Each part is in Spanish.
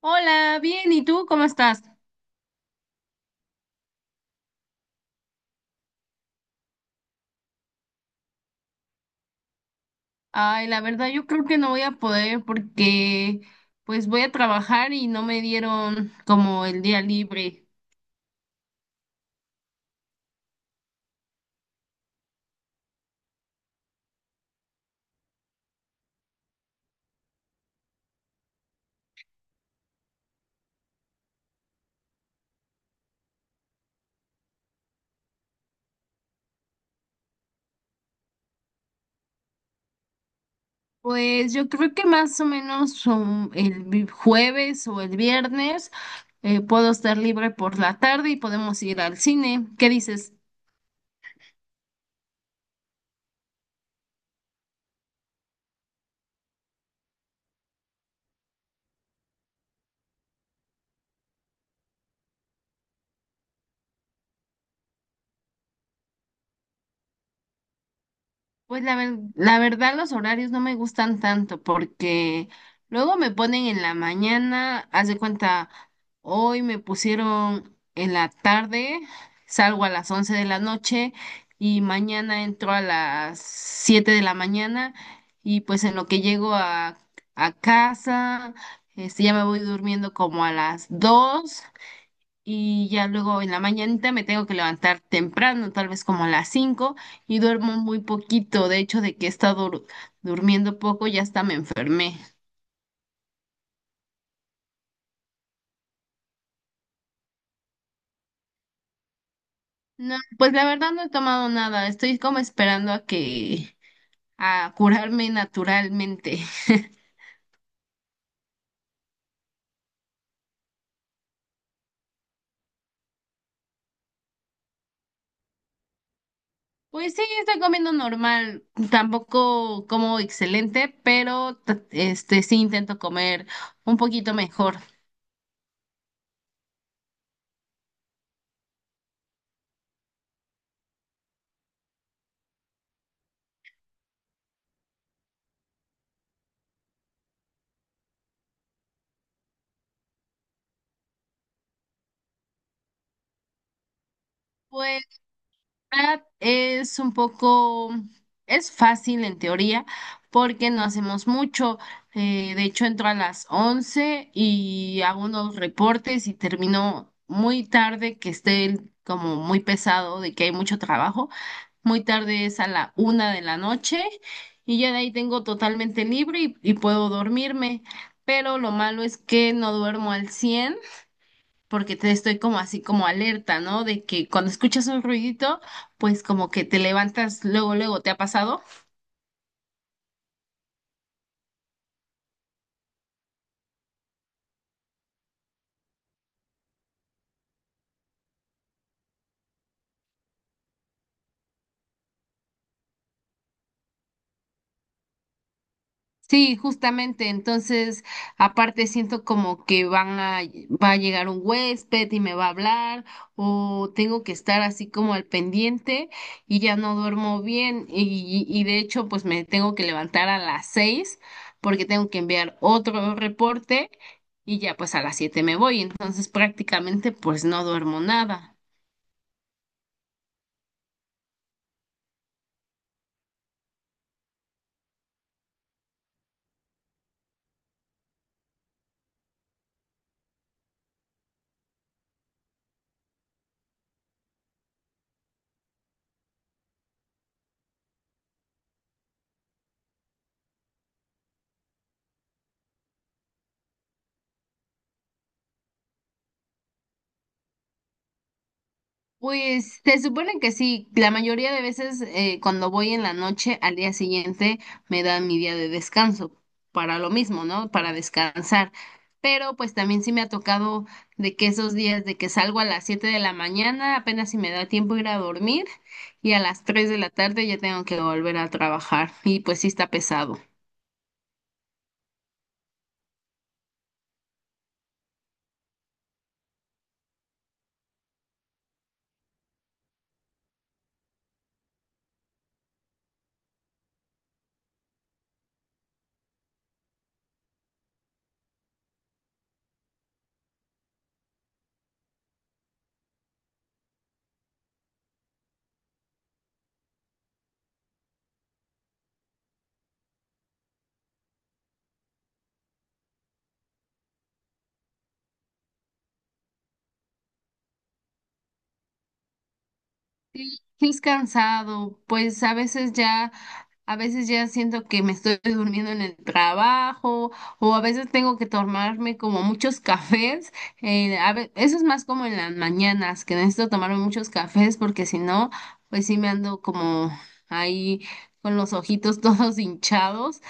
Hola, bien, ¿y tú cómo estás? Ay, la verdad yo creo que no voy a poder porque pues voy a trabajar y no me dieron como el día libre. Pues yo creo que más o menos jueves o el viernes puedo estar libre por la tarde y podemos ir al cine. ¿Qué dices? Pues la verdad los horarios no me gustan tanto porque luego me ponen en la mañana, haz de cuenta, hoy me pusieron en la tarde, salgo a las 11 de la noche y mañana entro a las 7 de la mañana y pues en lo que llego a casa, ya me voy durmiendo como a las 2 y ya luego en la mañanita me tengo que levantar temprano, tal vez como a las 5 y duermo muy poquito. De hecho, de que he estado durmiendo poco, ya hasta me enfermé. No, pues la verdad no he tomado nada, estoy como esperando a que a curarme naturalmente. Pues sí, estoy comiendo normal, tampoco como excelente, pero sí intento comer un poquito mejor. Pues verdad es fácil en teoría porque no hacemos mucho. De hecho, entro a las 11 y hago unos reportes y termino muy tarde, que esté como muy pesado de que hay mucho trabajo. Muy tarde es a la 1 de la noche y ya de ahí tengo totalmente libre y puedo dormirme. Pero lo malo es que no duermo al 100 porque te estoy como así como alerta, ¿no? De que cuando escuchas un ruidito, pues como que te levantas luego, luego, ¿te ha pasado? Sí, justamente, entonces aparte siento como que va a llegar un huésped y me va a hablar o tengo que estar así como al pendiente y ya no duermo bien y de hecho pues me tengo que levantar a las 6 porque tengo que enviar otro reporte y ya pues a las 7 me voy, entonces prácticamente pues no duermo nada. Pues se supone que sí, la mayoría de veces cuando voy en la noche al día siguiente me dan mi día de descanso para lo mismo, ¿no? Para descansar. Pero pues también sí me ha tocado de que esos días de que salgo a las 7 de la mañana, apenas si me da tiempo ir a dormir y a las 3 de la tarde ya tengo que volver a trabajar y pues sí está pesado. Sí, sí es cansado, pues a veces ya siento que me estoy durmiendo en el trabajo o a veces tengo que tomarme como muchos cafés. Eso es más como en las mañanas, que necesito tomarme muchos cafés porque si no, pues sí me ando como ahí con los ojitos todos hinchados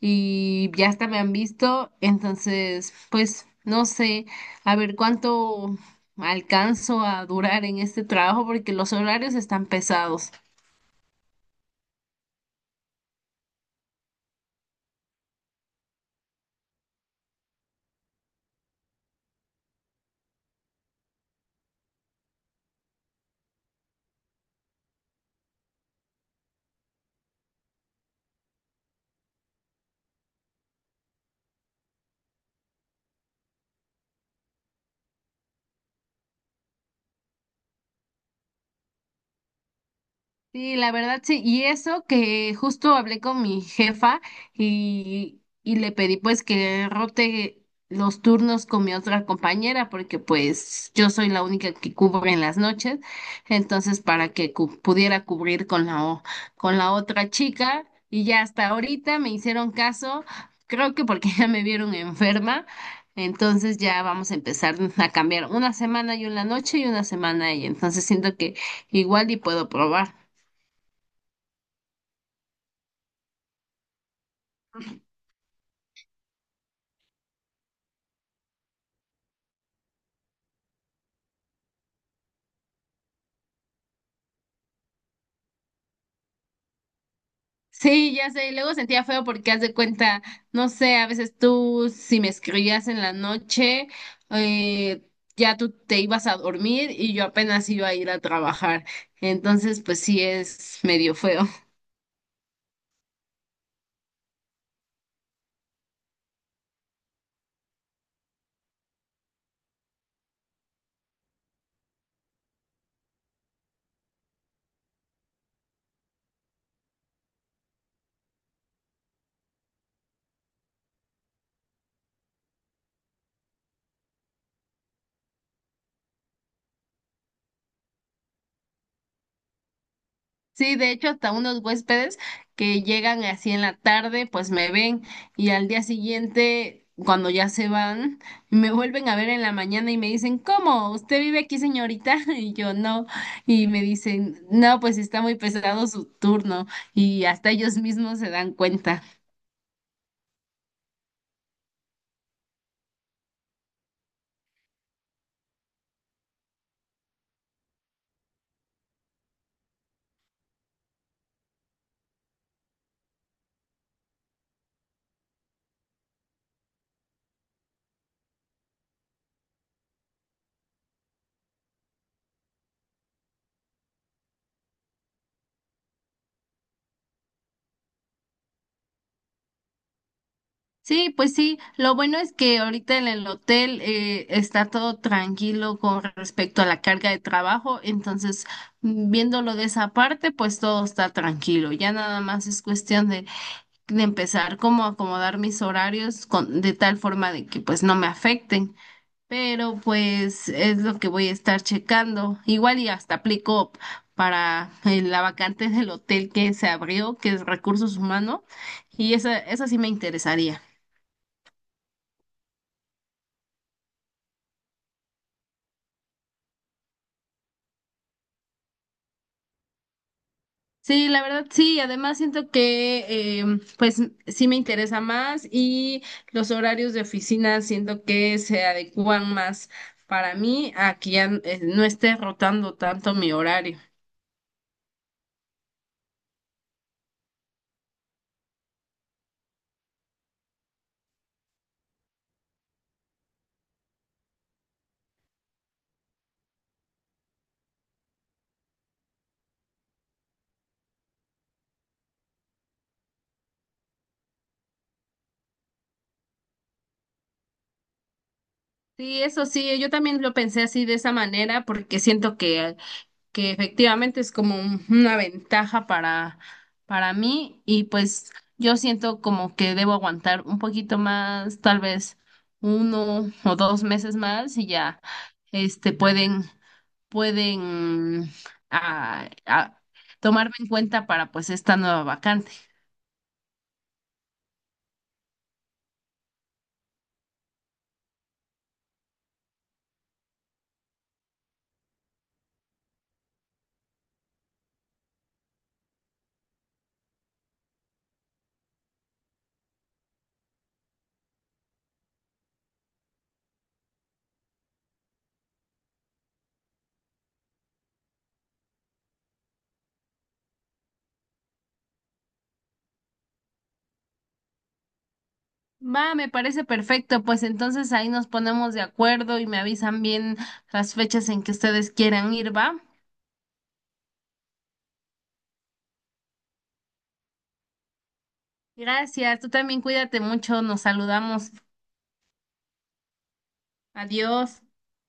y ya hasta me han visto, entonces, pues no sé, a ver cuánto alcanzo a durar en este trabajo porque los horarios están pesados. Sí, la verdad sí, y eso que justo hablé con mi jefa y le pedí pues que rote los turnos con mi otra compañera porque pues yo soy la única que cubre en las noches, entonces para que pudiera cubrir con la otra chica y ya hasta ahorita me hicieron caso, creo que porque ya me vieron enferma, entonces ya vamos a empezar a cambiar una semana yo en la noche y una semana ella, entonces siento que igual y puedo probar. Sí, ya sé, y luego sentía feo porque haz de cuenta, no sé, a veces tú si me escribías en la noche, eh, ya tú te ibas a dormir y yo apenas iba a ir a trabajar. Entonces, pues sí es medio feo. Sí, de hecho, hasta unos huéspedes que llegan así en la tarde, pues me ven y al día siguiente, cuando ya se van, me vuelven a ver en la mañana y me dicen, ¿cómo? ¿Usted vive aquí, señorita? Y yo no. Y me dicen, no, pues está muy pesado su turno y hasta ellos mismos se dan cuenta. Sí, pues sí, lo bueno es que ahorita en el hotel está todo tranquilo con respecto a la carga de trabajo, entonces viéndolo de esa parte, pues todo está tranquilo, ya nada más es cuestión de empezar como a acomodar mis horarios con, de tal forma de que pues no me afecten, pero pues es lo que voy a estar checando, igual y hasta aplico para la vacante del hotel que se abrió, que es recursos humanos, y esa sí me interesaría. Sí, la verdad sí, además siento que eh, pues sí me interesa más y los horarios de oficina siento que se adecuan más para mí a que ya no esté rotando tanto mi horario. Sí, eso sí, yo también lo pensé así de esa manera porque siento que efectivamente es como una ventaja para mí y pues yo siento como que debo aguantar un poquito más, tal vez 1 o 2 meses más y ya este pueden ah, ah, tomarme en cuenta para pues esta nueva vacante. Va, me parece perfecto, pues entonces ahí nos ponemos de acuerdo y me avisan bien las fechas en que ustedes quieran ir, ¿va? Gracias, tú también cuídate mucho, nos saludamos. Adiós.